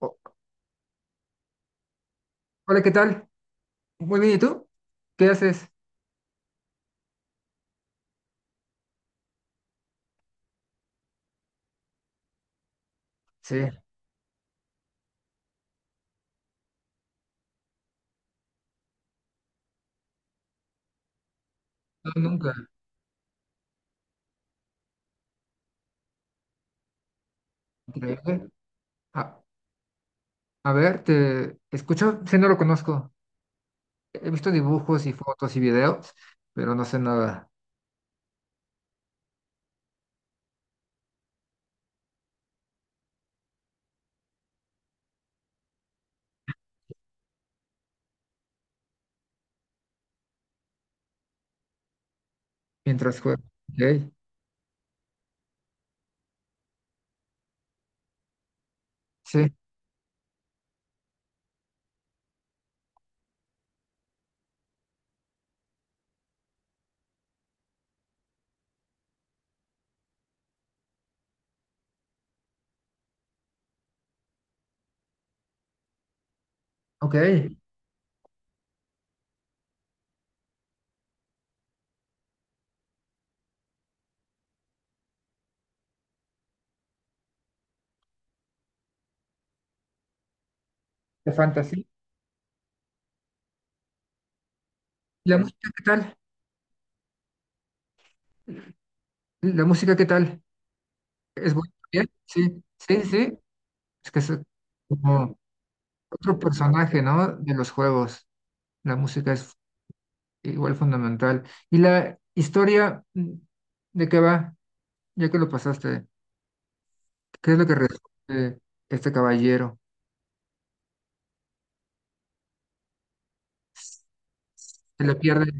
O- Hola, ¿qué tal? Muy bien, ¿y tú? ¿Qué haces? Sí, no, nunca. Increíble. A, a ver, te escucho, sí, no lo conozco. He visto dibujos y fotos y videos, pero no sé nada mientras juego. Ok, sí, ok, de fantasía. ¿Y la música qué tal? ¿La música qué tal? ¿Es buena? ¿Bien? Sí, sí, sí. Es que es como otro personaje, ¿no? De los juegos. La música es igual fundamental. ¿Y la historia de qué va? Ya que lo pasaste, ¿qué es lo que resuelve este caballero? Se le pierde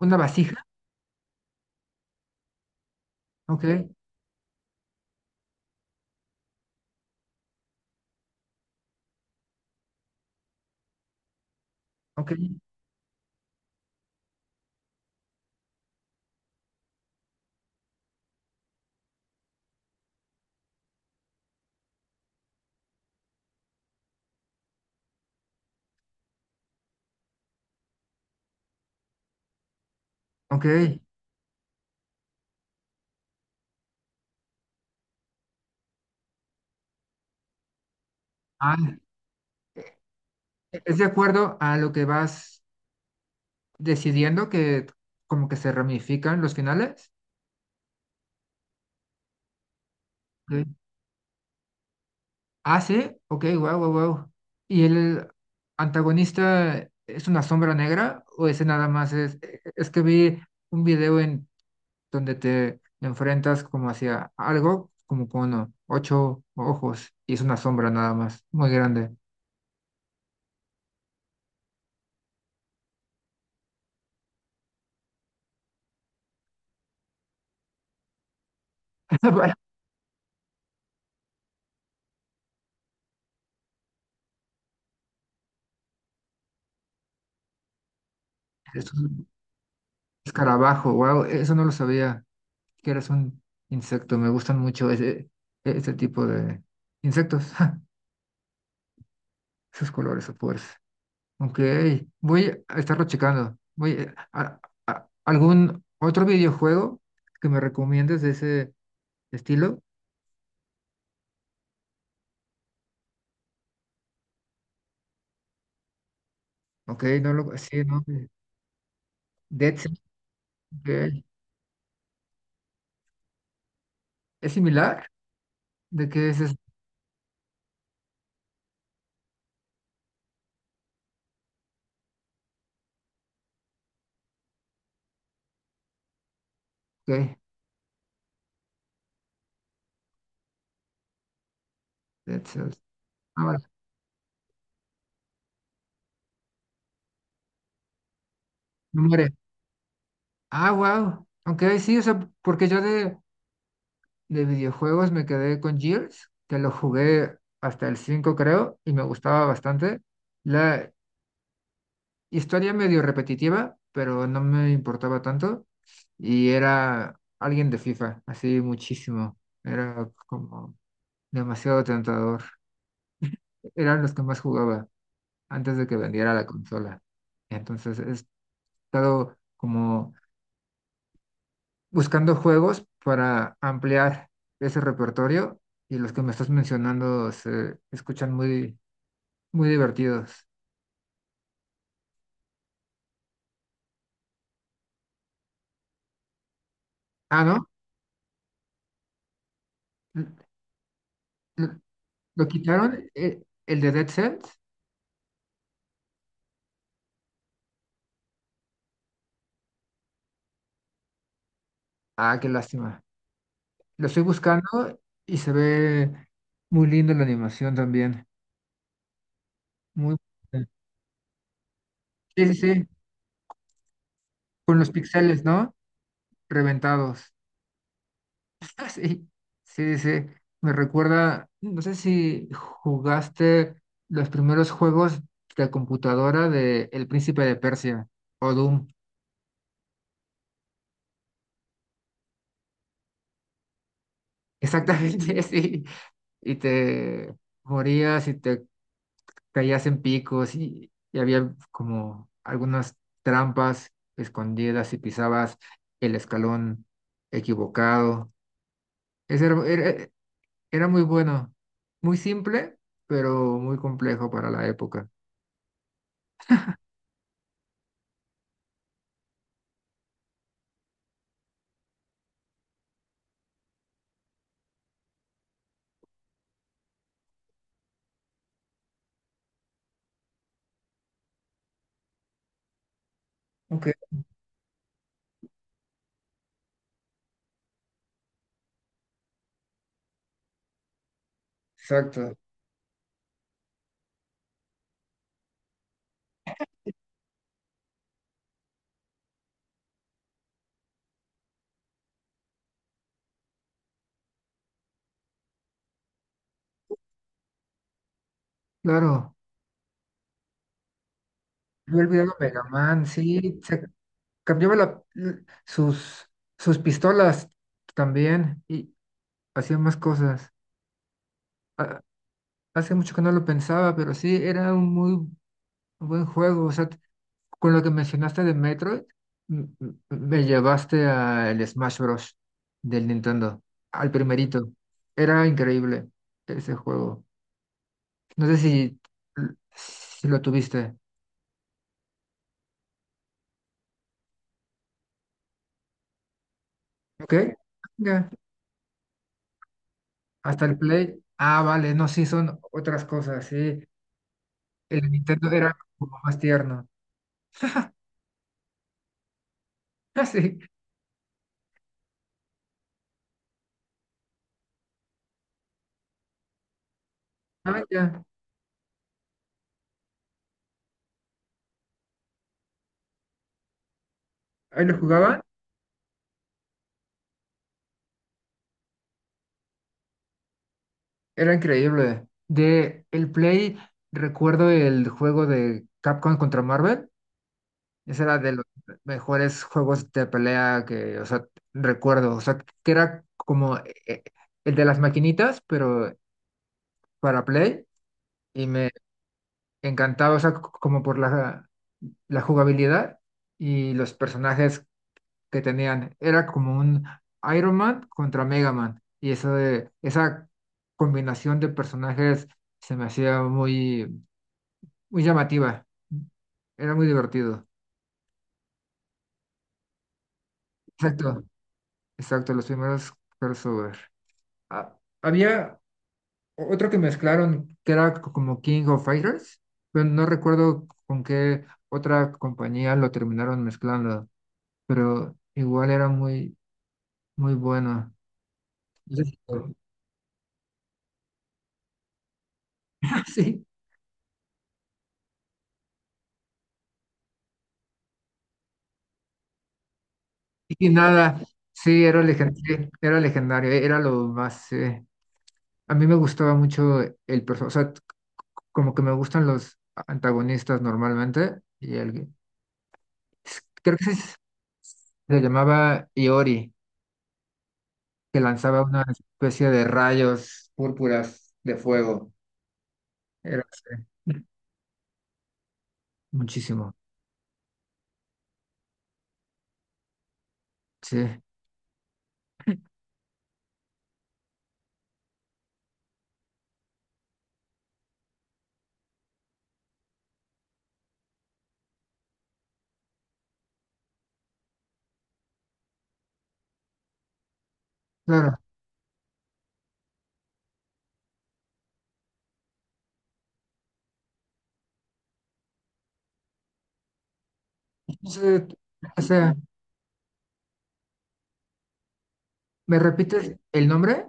una vasija. Ok, ok, ok. Ah, ¿es de acuerdo a lo que vas decidiendo que como que se ramifican los finales? Ok. Ah, sí, ok, wow, wow, wow. ¿Y el antagonista es una sombra negra o ese nada más es que vi un video en donde te enfrentas como hacia algo, como con ocho ojos y es una sombra nada más, muy grande. Vaya, es un escarabajo, wow, eso no lo sabía, que eres un insecto, me gustan mucho ese tipo de insectos, esos colores, o fuerza. Ok, voy a estarlo checando. Voy a- Algún otro videojuego que me recomiendes de ese estilo. Ok, no lo, sí, no, Dead Cells, ok. ¿Es similar? ¿De qué es eso? Ok, Dead Cells. Ah, vale, no muere. Ah, wow. Ok, sí, o sea, porque yo de videojuegos me quedé con Gears, que lo jugué hasta el 5 creo, y me gustaba bastante. La historia medio repetitiva, pero no me importaba tanto. Y era alguien de FIFA, así muchísimo. Era como demasiado tentador. Eran los que más jugaba antes de que vendiera la consola. Entonces he estado como buscando juegos para ampliar ese repertorio y los que me estás mencionando se escuchan muy, muy divertidos. Ah, ¿no? L- l- ¿Lo quitaron el de Dead Cells? Ah, qué lástima. Lo estoy buscando y se ve muy lindo la animación también. Muy... Sí, sí, sí, con los pixeles, ¿no? Reventados. Ah, sí, sí, sí. Me recuerda, no sé si jugaste los primeros juegos de computadora de El Príncipe de Persia o Doom. Exactamente, sí. Y te morías y te caías en picos y había como algunas trampas escondidas y pisabas el escalón equivocado. Ese era, era era muy bueno, muy simple, pero muy complejo para la época. Ok. Exacto, claro. Yo el video Mega Man, sí, se cambiaba la- sus, sus pistolas también y hacía más cosas. Ha- Hace mucho que no lo pensaba, pero sí, era un muy buen juego. O sea, con lo que mencionaste de Metroid, me llevaste al Smash Bros. Del Nintendo, al primerito. Era increíble ese juego. No sé si, si lo tuviste. ¿Ok? Venga. Hasta el Play. Ah, vale, no, sí, son otras cosas, sí. El Nintendo era como más tierno. Ah, sí. Ah, ya. Ahí lo jugaban. Era increíble. De el Play, recuerdo el juego de Capcom contra Marvel. Ese era de los mejores juegos de pelea que, o sea, recuerdo. O sea, que era como el de las maquinitas, pero para Play. Y me encantaba, o sea, como por la, la jugabilidad y los personajes que tenían. Era como un Iron Man contra Mega Man. Y eso de, esa combinación de personajes se me hacía muy, muy llamativa. Era muy divertido. Exacto, exacto, los primeros crossover. Ah, había otro que mezclaron que era como King of Fighters, pero no recuerdo con qué otra compañía lo terminaron mezclando, pero igual era muy, muy bueno. No sé si- Sí, y nada, sí, era legendario, era legendario, era lo más... a mí me gustaba mucho el personaje, o sea, como que me gustan los antagonistas normalmente, y el, creo que se llamaba Iori, que lanzaba una especie de rayos púrpuras de fuego. Era sí, muchísimo, sí, claro. No sé, o sea, ¿me repites el nombre?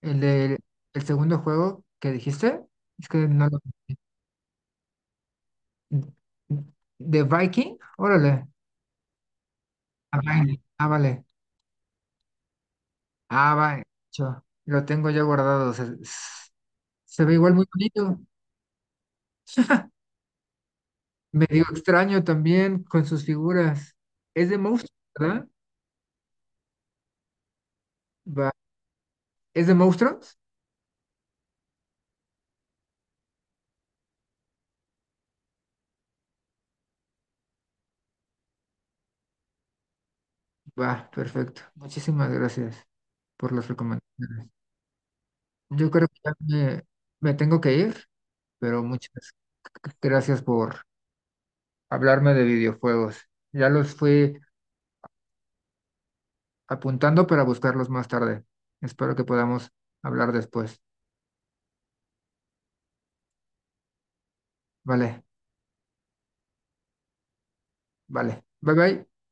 ¿El del el segundo juego que dijiste? Es que no... ¿De Viking? Órale. Ah, Vine. Ah, vale. Ah, vale. Cho, lo tengo ya guardado. Se, se ve igual muy bonito. Medio extraño también con sus figuras. Es de monstruos, ¿verdad? Va. ¿Es de monstruos? Va, perfecto. Muchísimas gracias por las recomendaciones. Yo creo que ya me tengo que ir, pero muchas gracias por hablarme de videojuegos. Ya los fui apuntando para buscarlos más tarde. Espero que podamos hablar después. Vale, vale. Bye bye.